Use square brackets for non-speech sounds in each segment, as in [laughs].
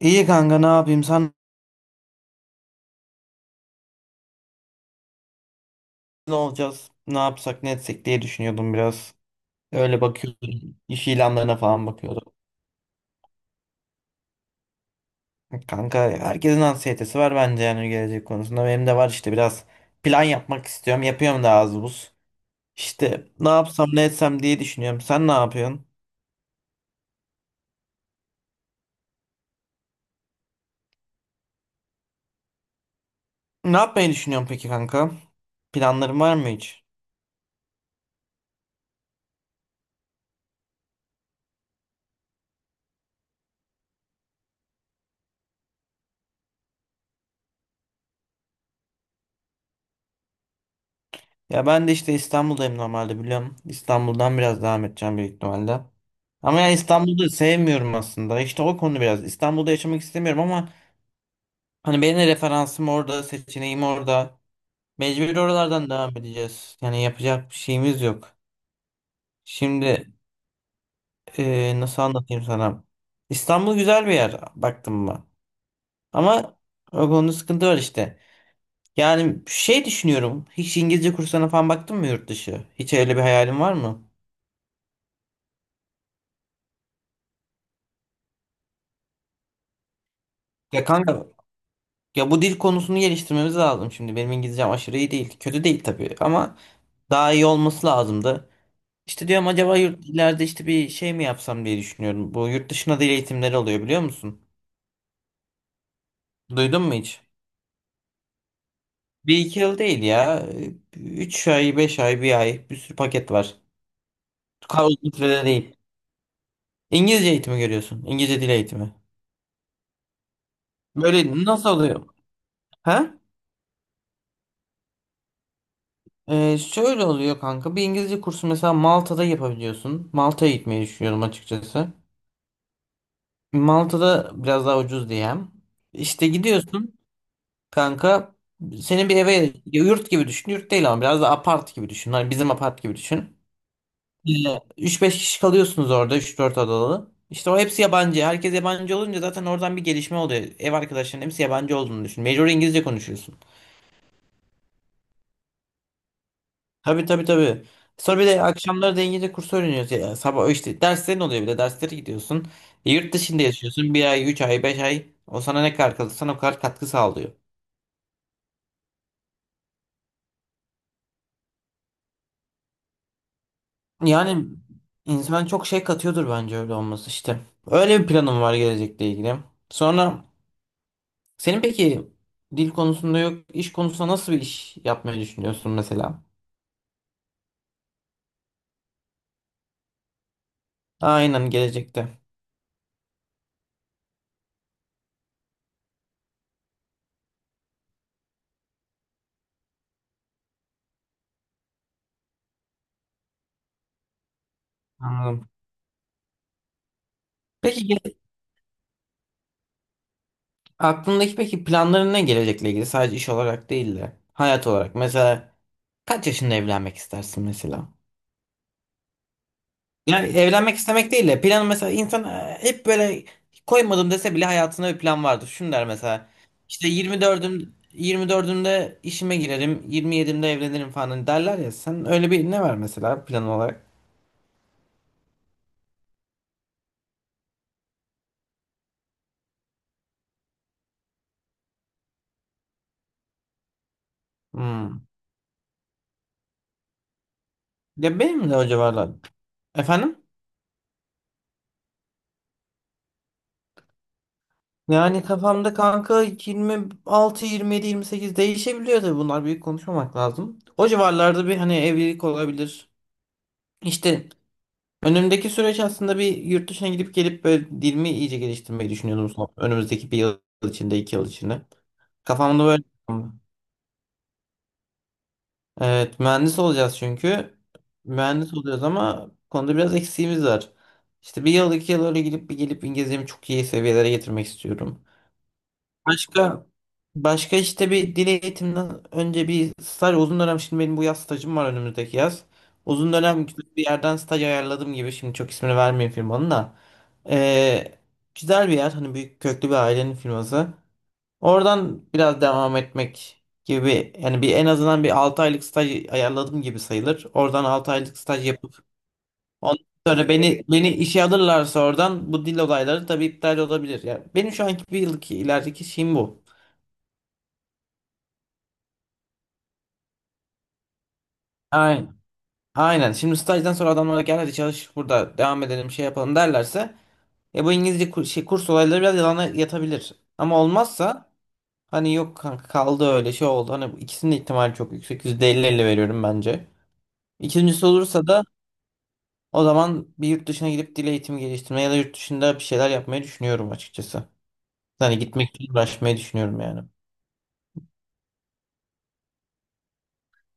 İyi kanka ne yapayım sen ne olacağız ne yapsak ne etsek diye düşünüyordum biraz. Öyle bakıyordum iş ilanlarına falan bakıyordum. Kanka herkesin anksiyetesi var bence, yani gelecek konusunda benim de var işte biraz. Plan yapmak istiyorum, yapıyorum da az buz. İşte ne yapsam ne etsem diye düşünüyorum, sen ne yapıyorsun? Ne yapmayı düşünüyorsun peki kanka? Planların var mı hiç? Ya ben de işte İstanbul'dayım normalde biliyorum. İstanbul'dan biraz devam edeceğim büyük ihtimalle. Ama yani İstanbul'da sevmiyorum aslında. İşte o konu biraz. İstanbul'da yaşamak istemiyorum ama hani benim de referansım orada, seçeneğim orada. Mecbur oralardan devam edeceğiz. Yani yapacak bir şeyimiz yok. Şimdi nasıl anlatayım sana? İstanbul güzel bir yer baktım mı? Ama o konuda sıkıntı var işte. Yani şey düşünüyorum. Hiç İngilizce kursuna falan baktın mı yurt dışı? Hiç öyle bir hayalin var mı? Ya kanka, ya bu dil konusunu geliştirmemiz lazım şimdi. Benim İngilizcem aşırı iyi değil. Kötü değil tabii ama daha iyi olması lazımdı. İşte diyorum, acaba yurt, ileride işte bir şey mi yapsam diye düşünüyorum. Bu yurt dışına dil eğitimleri oluyor biliyor musun? Duydun mu hiç? Bir iki yıl değil ya. Üç ay, beş ay, bir ay, bir sürü paket var. Kavga sürede değil. İngilizce eğitimi görüyorsun. İngilizce dil eğitimi. Böyle nasıl oluyor? Ha? Şöyle oluyor kanka. Bir İngilizce kursu mesela Malta'da yapabiliyorsun. Malta'ya gitmeyi düşünüyorum açıkçası. Malta'da biraz daha ucuz diyem. İşte gidiyorsun kanka. Senin bir eve yurt gibi düşün. Yurt değil ama biraz da apart gibi düşün. Hani bizim apart gibi düşün. 3-5 kişi kalıyorsunuz orada, 3-4 odalı. İşte o hepsi yabancı. Herkes yabancı olunca zaten oradan bir gelişme oluyor. Ev arkadaşların hepsi yabancı olduğunu düşün. Mecbur İngilizce konuşuyorsun. Tabii tabii tabii. Sonra bir de akşamları da İngilizce kursu öğreniyorsun. Ya, sabah işte derslerin oluyor, bir de derslere gidiyorsun. Yurt dışında yaşıyorsun. Bir ay, üç ay, beş ay. O sana ne kadar kalırsan o kadar katkı sağlıyor. Yani insan çok şey katıyordur bence, öyle olması işte. Öyle bir planım var gelecekle ilgili. Sonra senin peki dil konusunda yok, iş konusunda nasıl bir iş yapmayı düşünüyorsun mesela? Aynen gelecekte. Anladım. Peki aklındaki peki planların ne gelecekle ilgili? Sadece iş olarak değil de hayat olarak. Mesela kaç yaşında evlenmek istersin mesela? Yani evlenmek istemek değil de planı, mesela insan hep böyle koymadım dese bile hayatında bir plan vardır. Şunu der mesela, işte 24'ümde işime girerim, 27'imde evlenirim falan, hani derler ya. Sen öyle bir ne var mesela plan olarak? Hmm. Ya benim de o civarlar. Efendim? Yani kafamda kanka 26, 27, 28 değişebiliyor, tabii bunlar büyük konuşmamak lazım. O civarlarda bir hani evlilik olabilir. İşte, önümdeki süreç aslında, bir yurt dışına gidip gelip böyle dilimi iyice geliştirmeyi düşünüyordum son. Önümüzdeki bir yıl içinde, iki yıl içinde. Kafamda böyle. Evet, mühendis olacağız çünkü. Mühendis olacağız ama bu konuda biraz eksiğimiz var. İşte bir yıl, iki yıl öyle gidip bir gelip İngilizcemi çok iyi seviyelere getirmek istiyorum. Başka başka, işte bir dil eğitiminden önce bir staj uzun dönem, şimdi benim bu yaz stajım var, önümüzdeki yaz. Uzun dönem güzel bir yerden staj ayarladım gibi, şimdi çok ismini vermeyeyim firmanın da. Ee, Güzel bir yer, hani büyük köklü bir ailenin firması. Oradan biraz devam etmek gibi, yani bir en azından bir 6 aylık staj ayarladım gibi sayılır. Oradan 6 aylık staj yapıp ondan sonra beni işe alırlarsa, oradan bu dil olayları tabii iptal olabilir. Yani benim şu anki bir yıllık ilerideki şeyim bu. Aynen. Aynen. Şimdi stajdan sonra adamlara gel hadi çalış burada devam edelim şey yapalım derlerse, ya bu İngilizce kurs olayları biraz yalana yatabilir. Ama olmazsa hani yok kanka, kaldı öyle şey oldu. Hani bu ikisinin de ihtimali çok yüksek. Yüzde elli 50 veriyorum bence. İkincisi olursa da o zaman bir yurt dışına gidip dil eğitimi geliştirmeye ya da yurt dışında bir şeyler yapmayı düşünüyorum açıkçası. Hani gitmek için uğraşmayı düşünüyorum yani.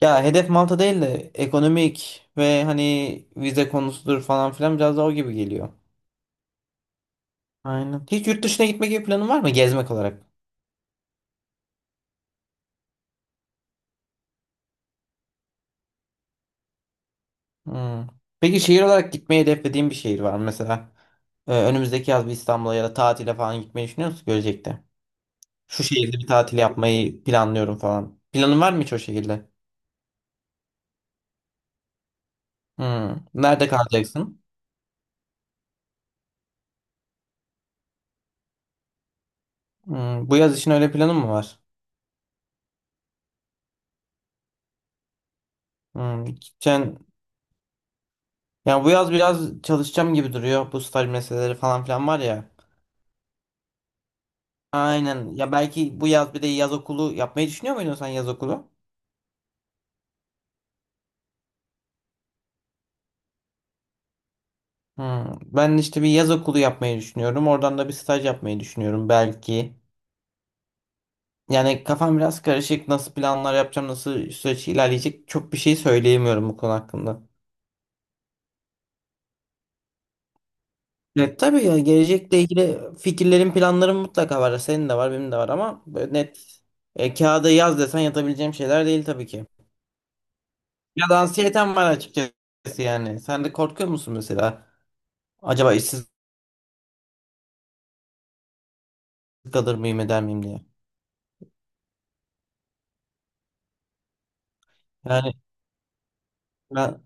Ya hedef Malta değil de, ekonomik ve hani vize konusudur falan filan, biraz daha o gibi geliyor. Aynen. Hiç yurt dışına gitme gibi planın var mı? Gezmek olarak. Hmm. Peki şehir olarak gitmeyi hedeflediğin bir şehir var mı? Mesela önümüzdeki yaz bir İstanbul'a ya da tatile falan gitmeyi düşünüyor musun gelecekte? Şu şehirde bir tatil yapmayı planlıyorum falan. Planın var mı hiç o şekilde? Hmm. Nerede kalacaksın? Hmm. Bu yaz için öyle planın mı var? Hmm. Gideceksin. Yani bu yaz biraz çalışacağım gibi duruyor. Bu staj meseleleri falan filan var ya. Aynen. Ya belki bu yaz bir de yaz okulu yapmayı düşünüyor muydun sen, yaz okulu? Hmm. Ben işte bir yaz okulu yapmayı düşünüyorum. Oradan da bir staj yapmayı düşünüyorum belki. Yani kafam biraz karışık. Nasıl planlar yapacağım, nasıl süreç ilerleyecek, çok bir şey söyleyemiyorum bu konu hakkında. Evet tabii ya, gelecekle ilgili fikirlerim, planlarım mutlaka var. Senin de var, benim de var, ama böyle net kağıda yaz desen yatabileceğim şeyler değil tabii ki. Ya da anksiyetem var açıkçası yani. Sen de korkuyor musun mesela? Acaba işsiz kalır mıyım, eder miyim diye. Yani ben,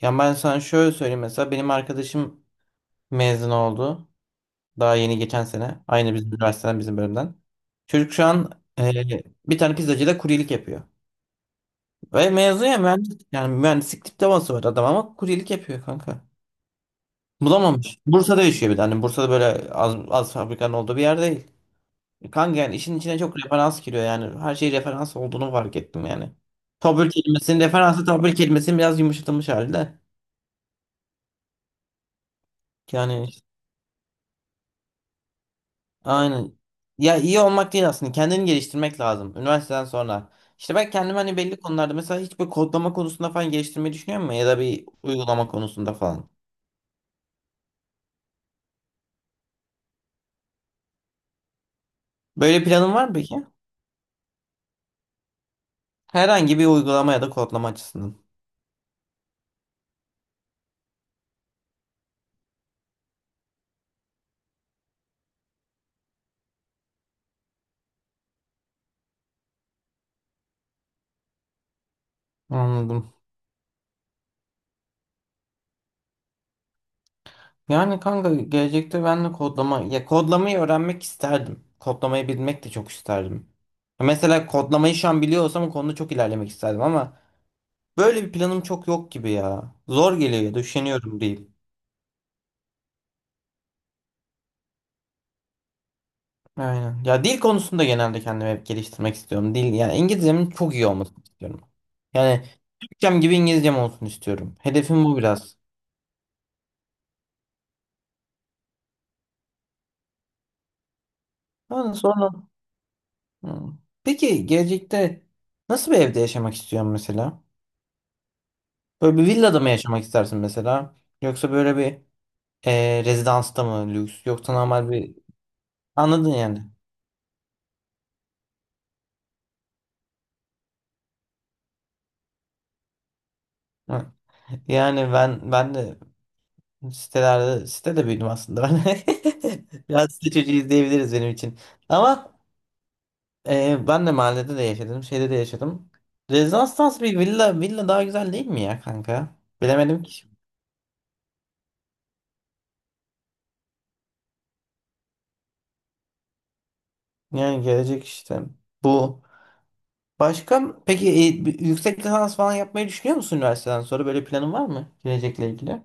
yani ben sana şöyle söyleyeyim, mesela benim arkadaşım mezun oldu. Daha yeni, geçen sene. Aynı bizim üniversiteden, bizim bölümden. Çocuk şu an e, bir tane pizzacıda kuryelik yapıyor. Ve mezun ya, mühendis. Yani mühendislik diploması var adam ama kuryelik yapıyor kanka. Bulamamış. Bursa'da yaşıyor bir de. Hani Bursa'da böyle az fabrikanın olduğu bir yer değil. Kanka yani işin içine çok referans giriyor yani. Her şey referans olduğunu fark ettim yani. Tabir kelimesinin referansı, tabir kelimesinin biraz yumuşatılmış halde. Yani. Aynen. Ya iyi olmak değil aslında. Kendini geliştirmek lazım. Üniversiteden sonra. İşte ben kendimi hani belli konularda, mesela hiç böyle kodlama konusunda falan geliştirmeyi düşünüyor musun? Ya da bir uygulama konusunda falan. Böyle planın var mı peki? Herhangi bir uygulama ya da kodlama açısından. Anladım. Yani kanka gelecekte ben de kodlama, ya kodlamayı öğrenmek isterdim. Kodlamayı bilmek de çok isterdim. Mesela kodlamayı şu an biliyor olsam o konuda çok ilerlemek isterdim ama böyle bir planım çok yok gibi ya. Zor geliyor ya da üşeniyorum diyeyim. Aynen. Ya dil konusunda genelde kendimi hep geliştirmek istiyorum. Dil, yani İngilizcemin çok iyi olmasını istiyorum. Yani Türkçem gibi İngilizcem olsun istiyorum. Hedefim bu biraz. Yani sonra. Hı. Peki gelecekte nasıl bir evde yaşamak istiyorsun mesela? Böyle bir villada mı yaşamak istersin mesela? Yoksa böyle bir rezidansta mı lüks? Yoksa normal bir, anladın yani. Hı. Yani ben de sitelerde, sitede büyüdüm aslında ben. [laughs] Biraz site çocuğuyuz diyebiliriz benim için. Ama ben de mahallede de yaşadım, şeyde de yaşadım. Rezastans bir villa, villa daha güzel değil mi ya kanka? Bilemedim ki. Yani gelecek işte. Bu. Başka peki bir yüksek lisans falan yapmayı düşünüyor musun üniversiteden sonra? Böyle planın var mı gelecekle ilgili?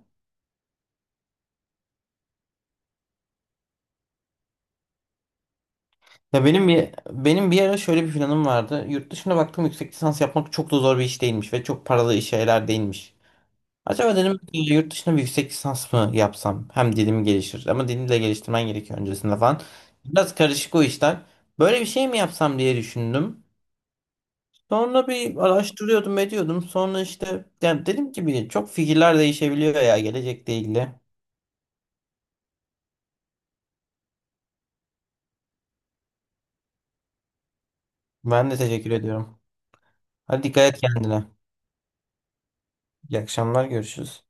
Ya benim bir ara şöyle bir planım vardı. Yurt dışına baktım, yüksek lisans yapmak çok da zor bir iş değilmiş ve çok paralı iş şeyler değilmiş. Acaba dedim ki yurt dışında bir yüksek lisans mı yapsam? Hem dilim gelişir ama dilimi de geliştirmen gerekiyor öncesinde falan. Biraz karışık o işler. Böyle bir şey mi yapsam diye düşündüm. Sonra bir araştırıyordum ediyordum. Sonra işte yani dedim ki, bir çok fikirler değişebiliyor ya gelecekle ilgili. Ben de teşekkür ediyorum. Hadi dikkat et kendine. İyi akşamlar, görüşürüz.